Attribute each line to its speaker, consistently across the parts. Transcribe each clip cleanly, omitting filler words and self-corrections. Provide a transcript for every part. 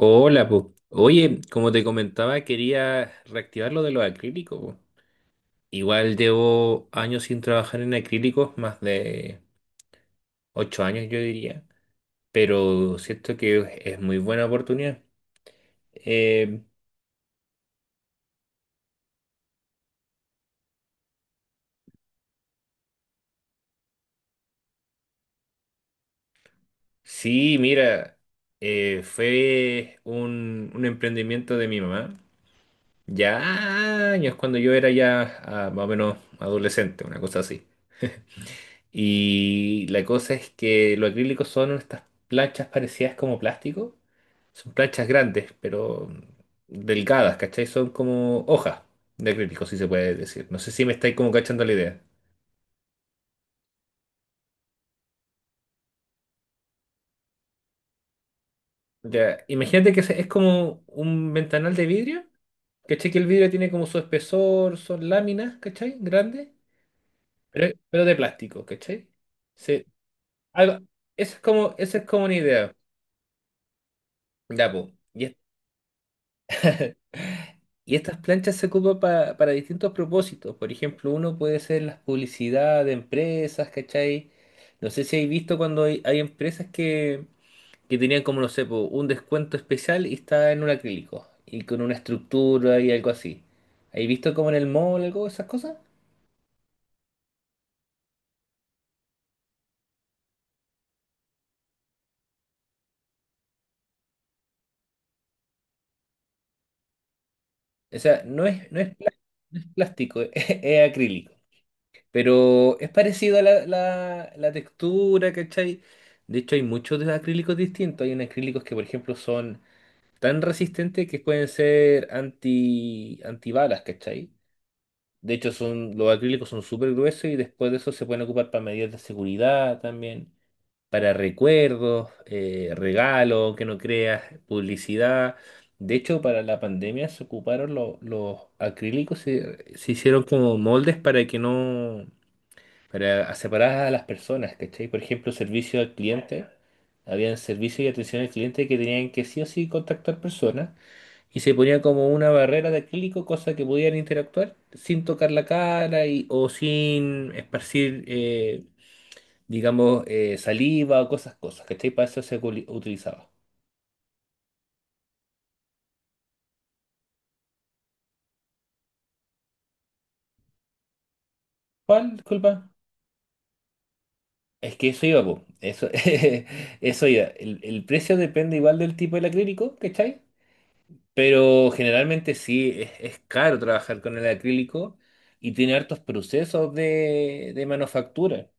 Speaker 1: Hola, po. Oye, como te comentaba, quería reactivar lo de los acrílicos, po. Igual llevo años sin trabajar en acrílicos, más de 8 años yo diría, pero siento que es muy buena oportunidad. Eh, sí, mira, fue un emprendimiento de mi mamá, ya años cuando yo era ya más o menos adolescente, una cosa así. Y la cosa es que los acrílicos son estas planchas parecidas como plástico. Son planchas grandes, pero delgadas, ¿cachai? Son como hojas de acrílico, si se puede decir. No sé si me estáis como cachando la idea. Ya, imagínate que es como un ventanal de vidrio, ¿cachai? Que el vidrio tiene como su espesor, son láminas, ¿cachai? Grandes, pero de plástico, ¿cachai? Sí, algo, esa es como una idea. Ya, po. Y, es- Y estas planchas se ocupan para distintos propósitos. Por ejemplo, uno puede ser las publicidad de empresas, ¿cachai? No sé si hay visto cuando hay empresas que tenían como, no sé, po, un descuento especial y está en un acrílico y con una estructura y algo así. ¿Hay visto como en el mall algo de esas cosas? O sea, no es plástico, es acrílico. Pero es parecido a la textura, ¿cachai? De hecho, hay muchos de acrílicos distintos. Hay unos acrílicos que, por ejemplo, son tan resistentes que pueden ser antibalas, ¿cachai? De hecho, son, los acrílicos son súper gruesos y después de eso se pueden ocupar para medidas de seguridad también, para recuerdos, regalos, que no creas, publicidad. De hecho, para la pandemia se ocuparon los acrílicos, se hicieron como moldes para que no, para separar a las personas, ¿cachai? Por ejemplo, servicio al cliente. Habían servicio y atención al cliente que tenían que sí o sí contactar personas. Y se ponía como una barrera de acrílico, cosa que podían interactuar sin tocar la cara y, o sin esparcir, digamos, saliva o cosas, ¿cachai? Para eso se utilizaba. ¿Cuál? Disculpa. Es que eso iba, po. Eso, eso iba. El precio depende igual del tipo del acrílico, ¿cachai? Pero generalmente sí, es caro trabajar con el acrílico y tiene hartos procesos de manufactura.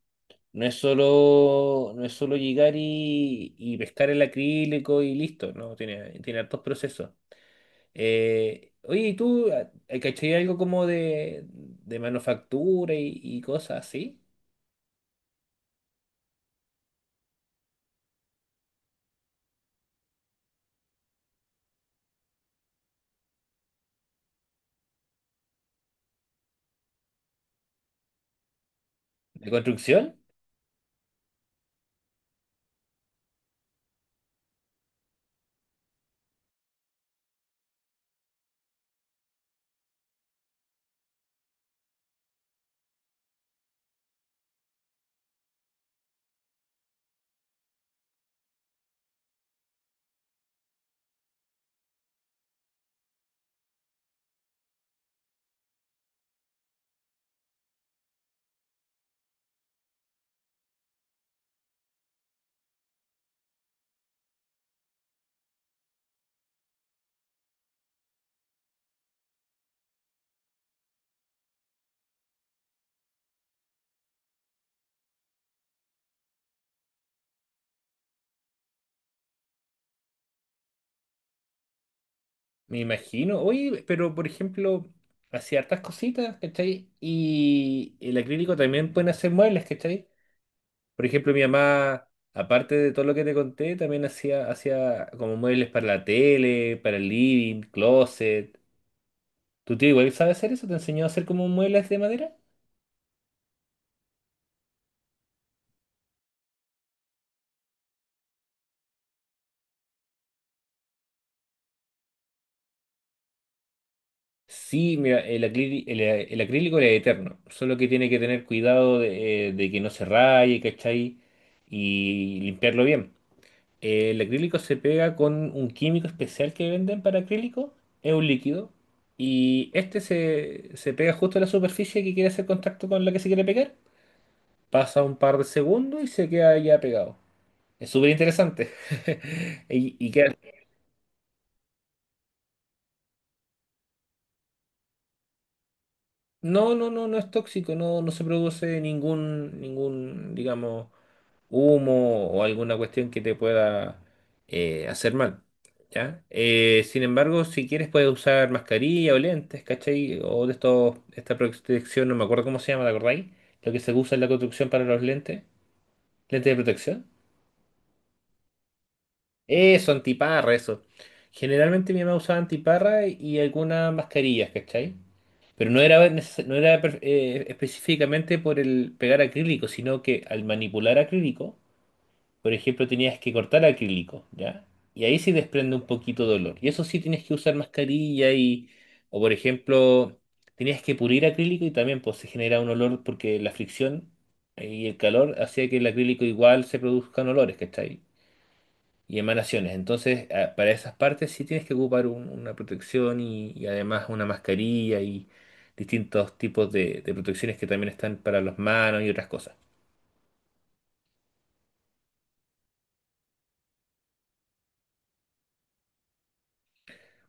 Speaker 1: No es solo llegar y pescar el acrílico y listo, ¿no? Tiene hartos procesos. Oye, ¿y tú cachai algo como de manufactura y cosas así? ¿De construcción? Me imagino. Oye, pero por ejemplo, hacía hartas cositas, ¿cachai? Y el acrílico también pueden hacer muebles, ¿cachai? Por ejemplo, mi mamá, aparte de todo lo que te conté, también hacía como muebles para la tele, para el living, closet. ¿Tu tío igual sabe hacer eso? ¿Te enseñó a hacer como muebles de madera? Sí, mira, el acrílico es eterno, solo que tiene que tener cuidado de que no se raye, ¿cachai? Y limpiarlo bien. El acrílico se pega con un químico especial que venden para acrílico, es un líquido, y este se pega justo a la superficie que quiere hacer contacto con la que se quiere pegar, pasa un par de segundos y se queda ya pegado. Es súper interesante. Y, y queda. No, no, no, no es tóxico, no, no se produce ningún, digamos, humo o alguna cuestión que te pueda hacer mal, ¿ya? Sin embargo, si quieres puedes usar mascarilla o lentes, ¿cachai? O de estos, esta protección, no me acuerdo cómo se llama, ¿te acordáis? Lo que se usa en la construcción para los lentes, lentes de protección. Eso, antiparra, eso. Generalmente mi mamá usaba antiparra y algunas mascarillas, ¿cachai? Pero no era, neces- no era per- específicamente por el pegar acrílico, sino que al manipular acrílico, por ejemplo, tenías que cortar acrílico, ¿ya? Y ahí sí desprende un poquito de dolor. Y eso sí tienes que usar mascarilla y, o por ejemplo, tenías que pulir acrílico y también pues, se genera un olor porque la fricción y el calor hacía que el acrílico igual se produzcan olores, ¿cachai? Y emanaciones. Entonces, para esas partes sí tienes que ocupar una protección y además una mascarilla y distintos tipos de protecciones que también están para las manos y otras cosas.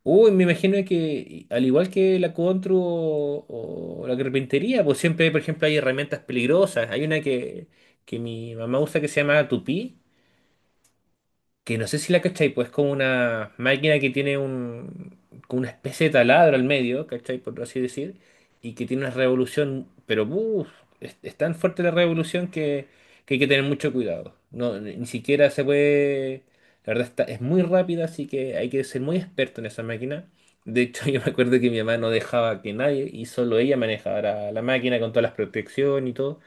Speaker 1: Uy, me imagino que al igual que la contru o la carpintería, pues siempre, por ejemplo, hay herramientas peligrosas. Hay una que mi mamá usa que se llama tupí que no sé si la cachai, pues es como una máquina que tiene como una especie de taladro al medio, ¿cachai? Por así decir, y que tiene una revolución, pero uff, es tan fuerte la revolución que hay que tener mucho cuidado. No, ni siquiera se puede, la verdad está, es muy rápida, así que hay que ser muy experto en esa máquina. De hecho, yo me acuerdo que mi mamá no dejaba que nadie, y solo ella manejara la máquina con todas las protecciones y todo.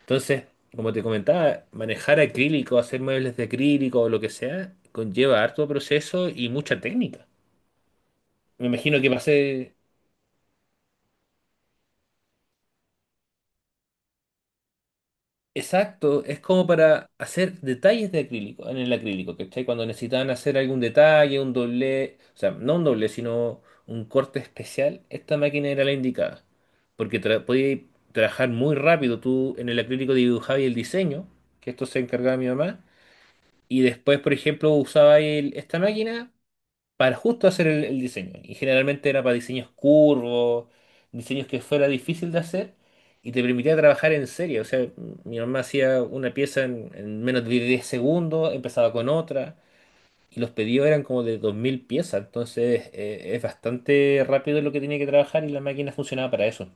Speaker 1: Entonces, como te comentaba, manejar acrílico, hacer muebles de acrílico o lo que sea, conlleva harto proceso y mucha técnica. Me imagino que va a ser exacto, es como para hacer detalles de acrílico, en el acrílico, ¿cachai? Cuando necesitaban hacer algún detalle, un doble, o sea, no un doble, sino un corte especial, esta máquina era la indicada, porque tra podía trabajar muy rápido, tú en el acrílico dibujabas el diseño, que esto se encargaba mi mamá, y después, por ejemplo, usaba esta máquina para justo hacer el diseño. Y generalmente era para diseños curvos, diseños que fuera difícil de hacer y te permitía trabajar en serie. O sea, mi mamá hacía una pieza en menos de 10 segundos, empezaba con otra y los pedidos eran como de 2.000 piezas. Entonces es bastante rápido lo que tenía que trabajar y la máquina funcionaba para eso.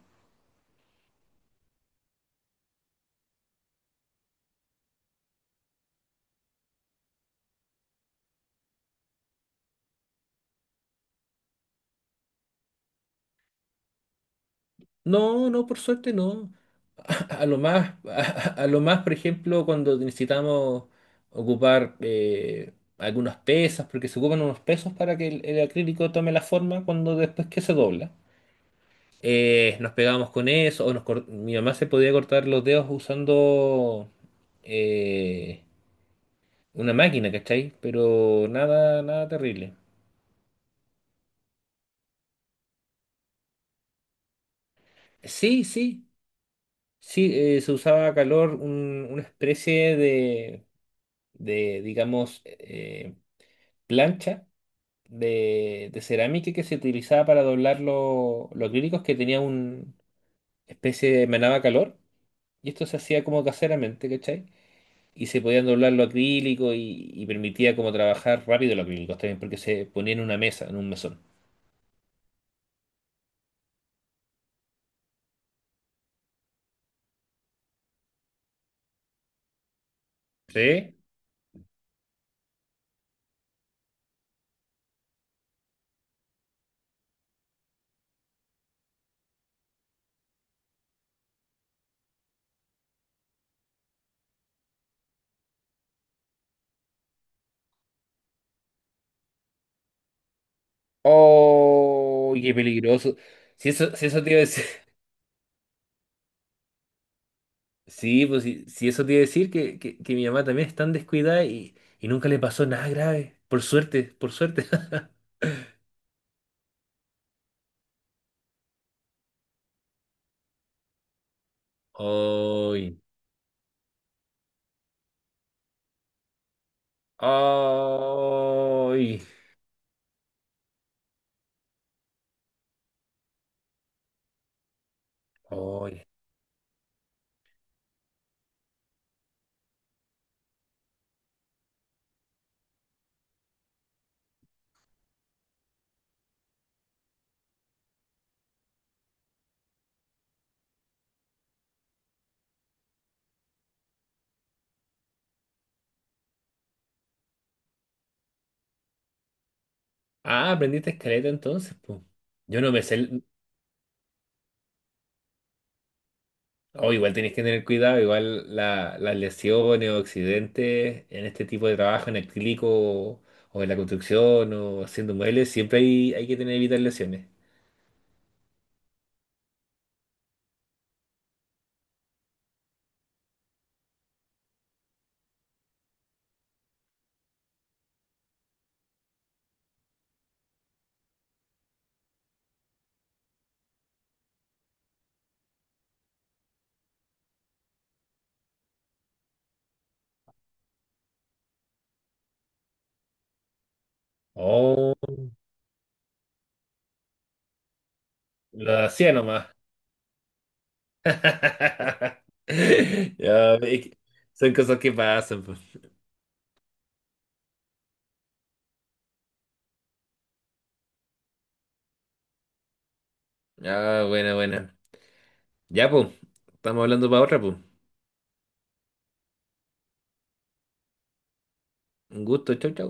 Speaker 1: No, no, por suerte no. A lo más, a, a lo más, por ejemplo, cuando necesitamos ocupar algunos pesos, porque se ocupan unos pesos para que el acrílico tome la forma cuando después que se dobla. Nos pegábamos con eso, o mi mamá se podía cortar los dedos usando eh, una máquina, ¿cachai? Pero nada, nada terrible. Sí, sí, sí, se usaba a calor una especie de digamos, plancha de cerámica que se utilizaba para doblar los acrílicos que tenía una especie de emanaba calor. Y esto se hacía como caseramente, ¿cachai? Y se podían doblar los acrílicos y permitía como trabajar rápido los acrílicos también, porque se ponía en una mesa, en un mesón. ¿Sí? ¡Oh! ¡Qué peligroso! Si eso te iba a decir. Sí, pues si eso te iba a decir que mi mamá también es tan descuidada y nunca le pasó nada grave. Por suerte, por suerte. ¡Ay! Ay, ay. Ah, aprendiste escaleta entonces, pues. Yo no me sé. El- Oh, igual tenés que tener cuidado, igual las lesiones o accidentes en este tipo de trabajo, en el acrílico o en la construcción o haciendo muebles, siempre hay, hay que tener evitar lesiones. Oh, lo hacía nomás. Ya, es que son cosas que pasan, pues. Ah, bueno, bueno. Ya, pues. Estamos hablando para otra, pues. Un gusto, chau, chau.